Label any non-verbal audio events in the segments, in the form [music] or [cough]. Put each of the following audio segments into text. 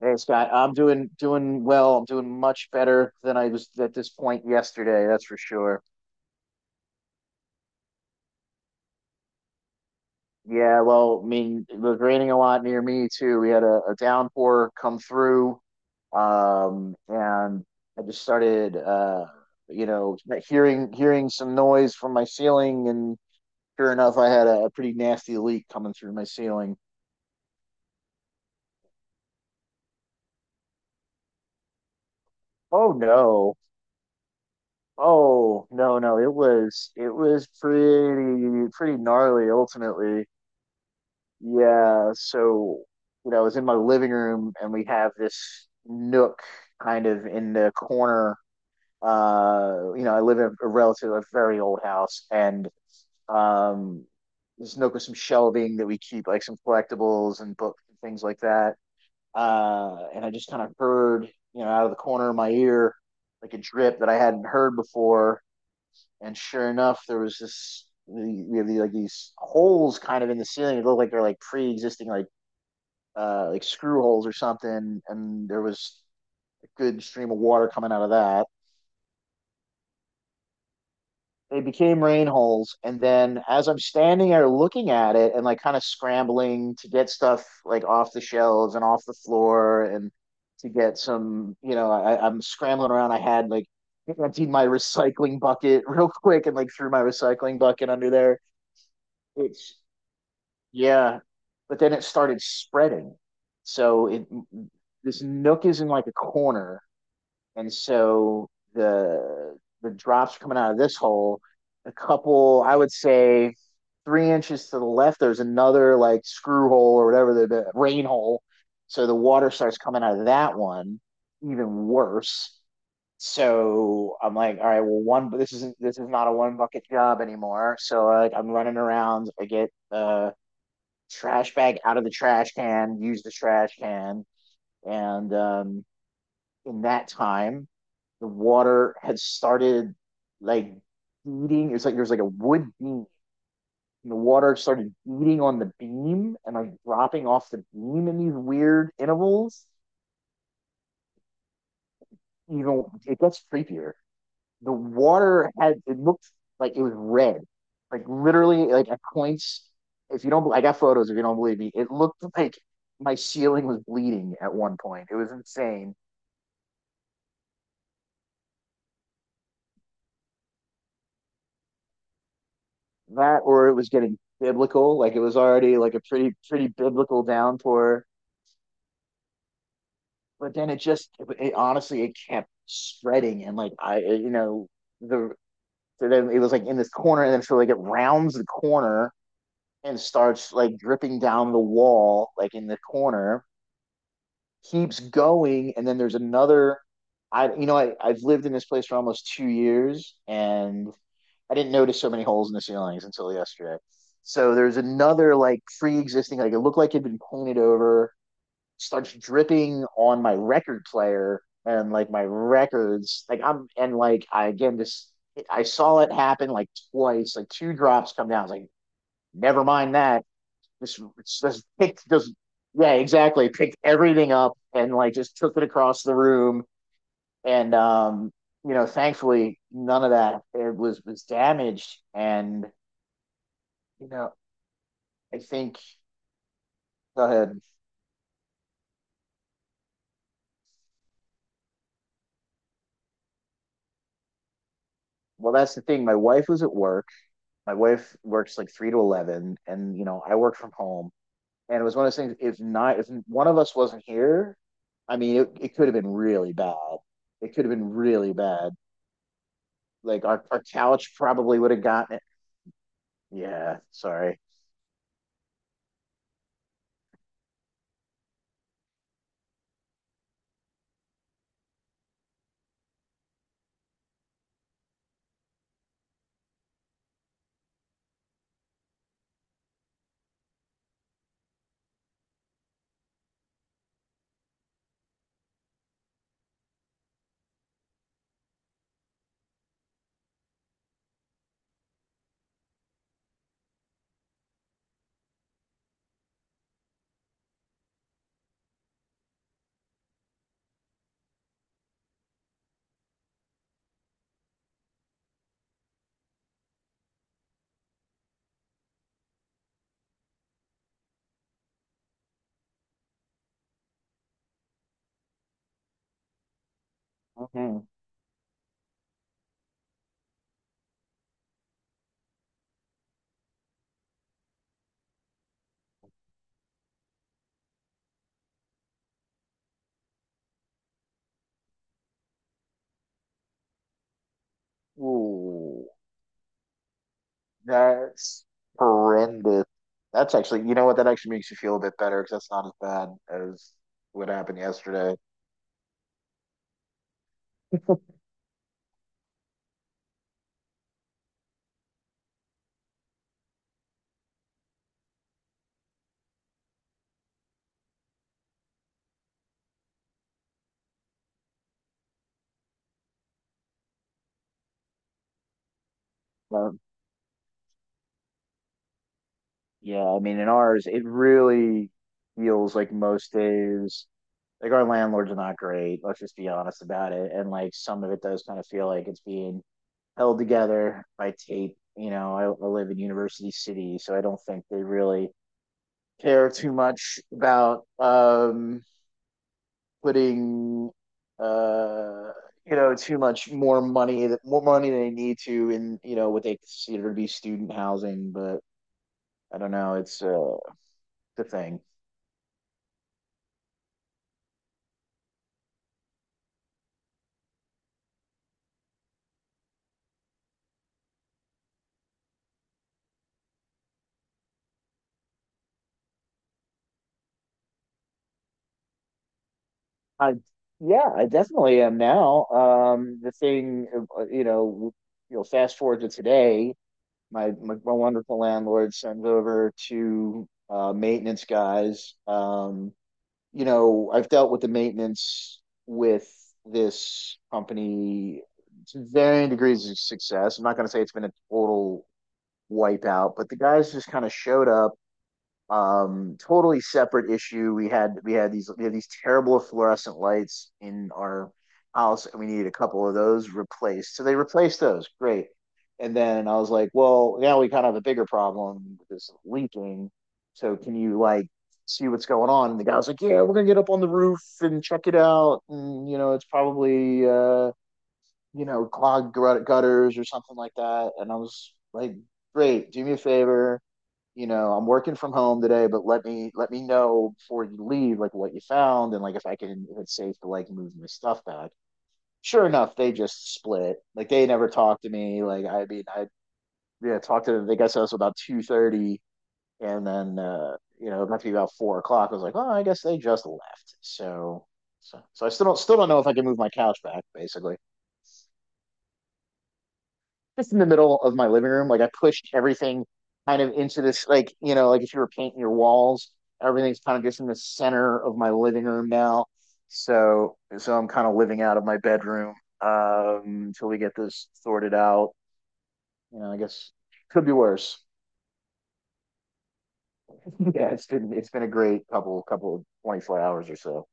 Hey Scott, I'm doing well. I'm doing much better than I was at this point yesterday, that's for sure. Yeah, well, I mean, it was raining a lot near me too. We had a downpour come through, and I just started, you know, hearing some noise from my ceiling, and sure enough, I had a pretty nasty leak coming through my ceiling. Oh no. Oh no, no, it was pretty gnarly ultimately. Yeah, so you know, I was in my living room and we have this nook kind of in the corner. You know, I live in a relative, a very old house, and um, this nook with some shelving that we keep like some collectibles and books and things like that. And I just kind of heard, you know, out of the corner of my ear, like a drip that I hadn't heard before. And sure enough, there was this. We have these, like these holes kind of in the ceiling. It looked like they're like pre-existing like screw holes or something, and there was a good stream of water coming out of that. They became rain holes, and then as I'm standing there looking at it and like kind of scrambling to get stuff like off the shelves and off the floor and to get some, you know, I'm scrambling around. I had like emptied my recycling bucket [laughs] real quick and like threw my recycling bucket under there. It's yeah, but then it started spreading. So it this nook is in like a corner. And so the the drops coming out of this hole, a couple, I would say 3 inches to the left, there's another like screw hole or whatever the rain hole. So the water starts coming out of that one, even worse. So I'm like, all right, well, one, this is not a one bucket job anymore. So like, I'm running around. I get the trash bag out of the trash can, use the trash can, and in that time, the water had started like beating. It's like there's like a wood beam, and the water started beating on the beam and like dropping off the beam in these weird intervals. You know, it gets creepier. The water had it looked like it was red, like literally like at points. If you don't, I got photos. If you don't believe me, it looked like my ceiling was bleeding at one point. It was insane. That or it was getting biblical like it was already like a pretty biblical downpour, but then it just it, it honestly it kept spreading and like I you know the so then it was like in this corner and then so like it rounds the corner and starts like dripping down the wall like in the corner, keeps going and then there's another I you know I've lived in this place for almost 2 years and I didn't notice so many holes in the ceilings until yesterday. So there's another like pre-existing, like it looked like it had been painted over. Starts dripping on my record player and like my records. Like I'm and like I again just I saw it happen like twice, like two drops come down. I was like, never mind that. This just picked just yeah, exactly. Picked everything up and like just took it across the room. And you know, thankfully none of that it was damaged. And you know, I think go ahead. Well, that's the thing. My wife was at work. My wife works like 3 to 11, and you know, I work from home. And it was one of those things. If not, if one of us wasn't here, I mean, it could have been really bad. It could have been really bad. Like our couch probably would have gotten it. Yeah, sorry. Mhm. Ooh, that's horrendous. That's actually, you know what? That actually makes you feel a bit better because that's not as bad as what happened yesterday. [laughs] Uh, Yeah, I mean, in ours, it really feels like most days, like our landlords are not great. Let's just be honest about it. And like some of it does kind of feel like it's being held together by tape. You know, I live in University City, so I don't think they really care too much about putting uh you know too much more money that more money they need to in you know what they consider to be student housing. But I don't know, it's the thing. I yeah, I definitely am now. The thing, you know, you'll fast forward to today. My wonderful landlord sends over to maintenance guys. You know, I've dealt with the maintenance with this company to varying degrees of success. I'm not going to say it's been a total wipeout, but the guys just kind of showed up totally separate issue we had these we had these terrible fluorescent lights in our house and we needed a couple of those replaced, so they replaced those great. And then I was like, well, now we kind of have a bigger problem with this leaking, so can you like see what's going on. And the guy was like, yeah, we're gonna get up on the roof and check it out, and you know it's probably you know clogged gutters or something like that. And I was like great, do me a favor, you know, I'm working from home today, but let me know before you leave, like what you found and like if I can if it's safe to like move my stuff back. Sure enough, they just split. Like they never talked to me. Like I mean, I yeah talked to them. They got to us about 2:30, and then you know it must be about 4 o'clock. I was like, oh, I guess they just left. So so so I still don't know if I can move my couch back. Basically, just in the middle of my living room. Like I pushed everything kind of into this, like, you know, like if you were painting your walls, everything's kind of just in the center of my living room now. So, so I'm kind of living out of my bedroom until we get this sorted out. You know, I guess could be worse. [laughs] Yeah, it's been a great couple of 24 hours or so.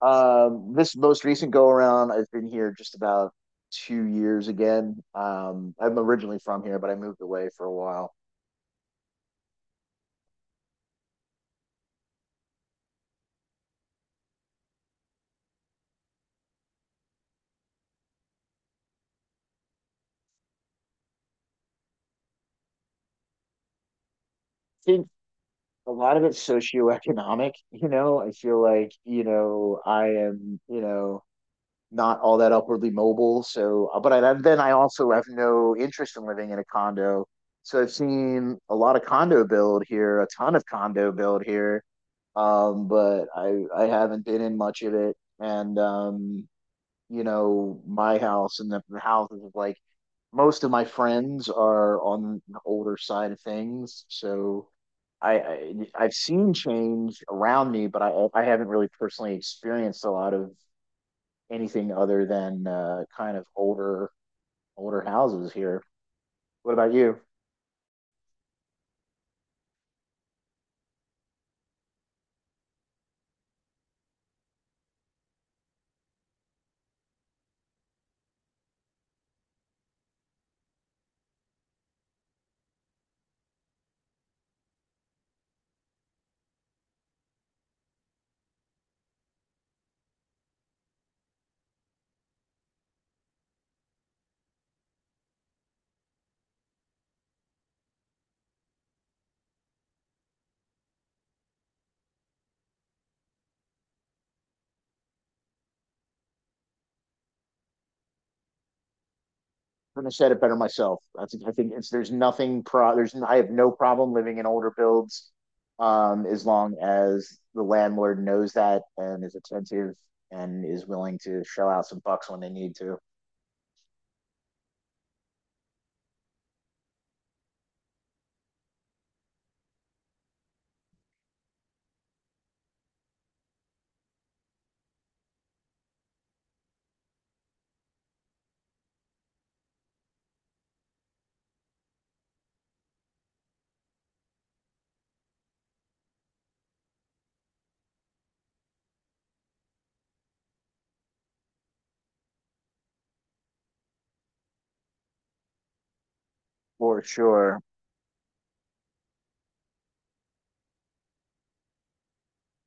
This most recent go around, I've been here just about 2 years again. I'm originally from here, but I moved away for a while. I think a lot of it's socioeconomic, you know. I feel like, you know, I am, you know, not all that upwardly mobile. So, but I, then I also have no interest in living in a condo. So I've seen a lot of condo build here, a ton of condo build here. But I haven't been in much of it. And you know, my house and the, houses of like most of my friends are on the older side of things. So I've seen change around me, but I haven't really personally experienced a lot of anything other than kind of older houses here. What about you? Couldn't have said it better myself. I think it's there's nothing pro there's I have no problem living in older builds, as long as the landlord knows that and is attentive and is willing to shell out some bucks when they need to, for sure.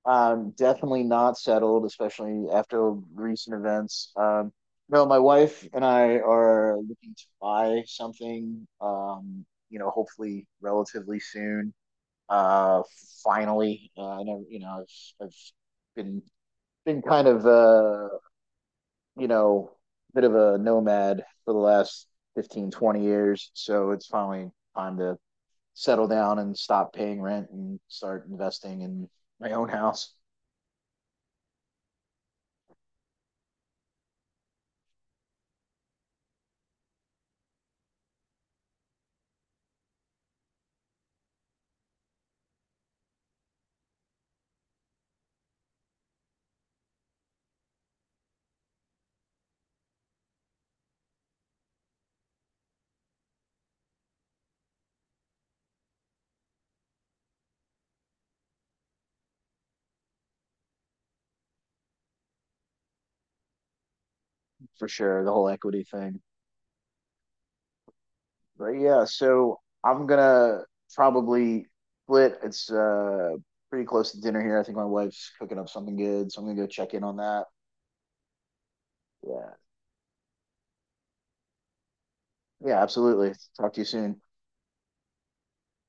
Definitely not settled, especially after recent events. No, my wife and I are looking to buy something, you know, hopefully relatively soon. Uh, finally, I know you know I've been been kind of you know bit of a nomad for the last 15 20 years, so it's finally time to settle down and stop paying rent and start investing in my own house for sure. The whole equity thing, but yeah, so I'm gonna probably split. It's pretty close to dinner here. I think my wife's cooking up something good, so I'm gonna go check in on that. Yeah. Yeah, absolutely. Talk to you soon.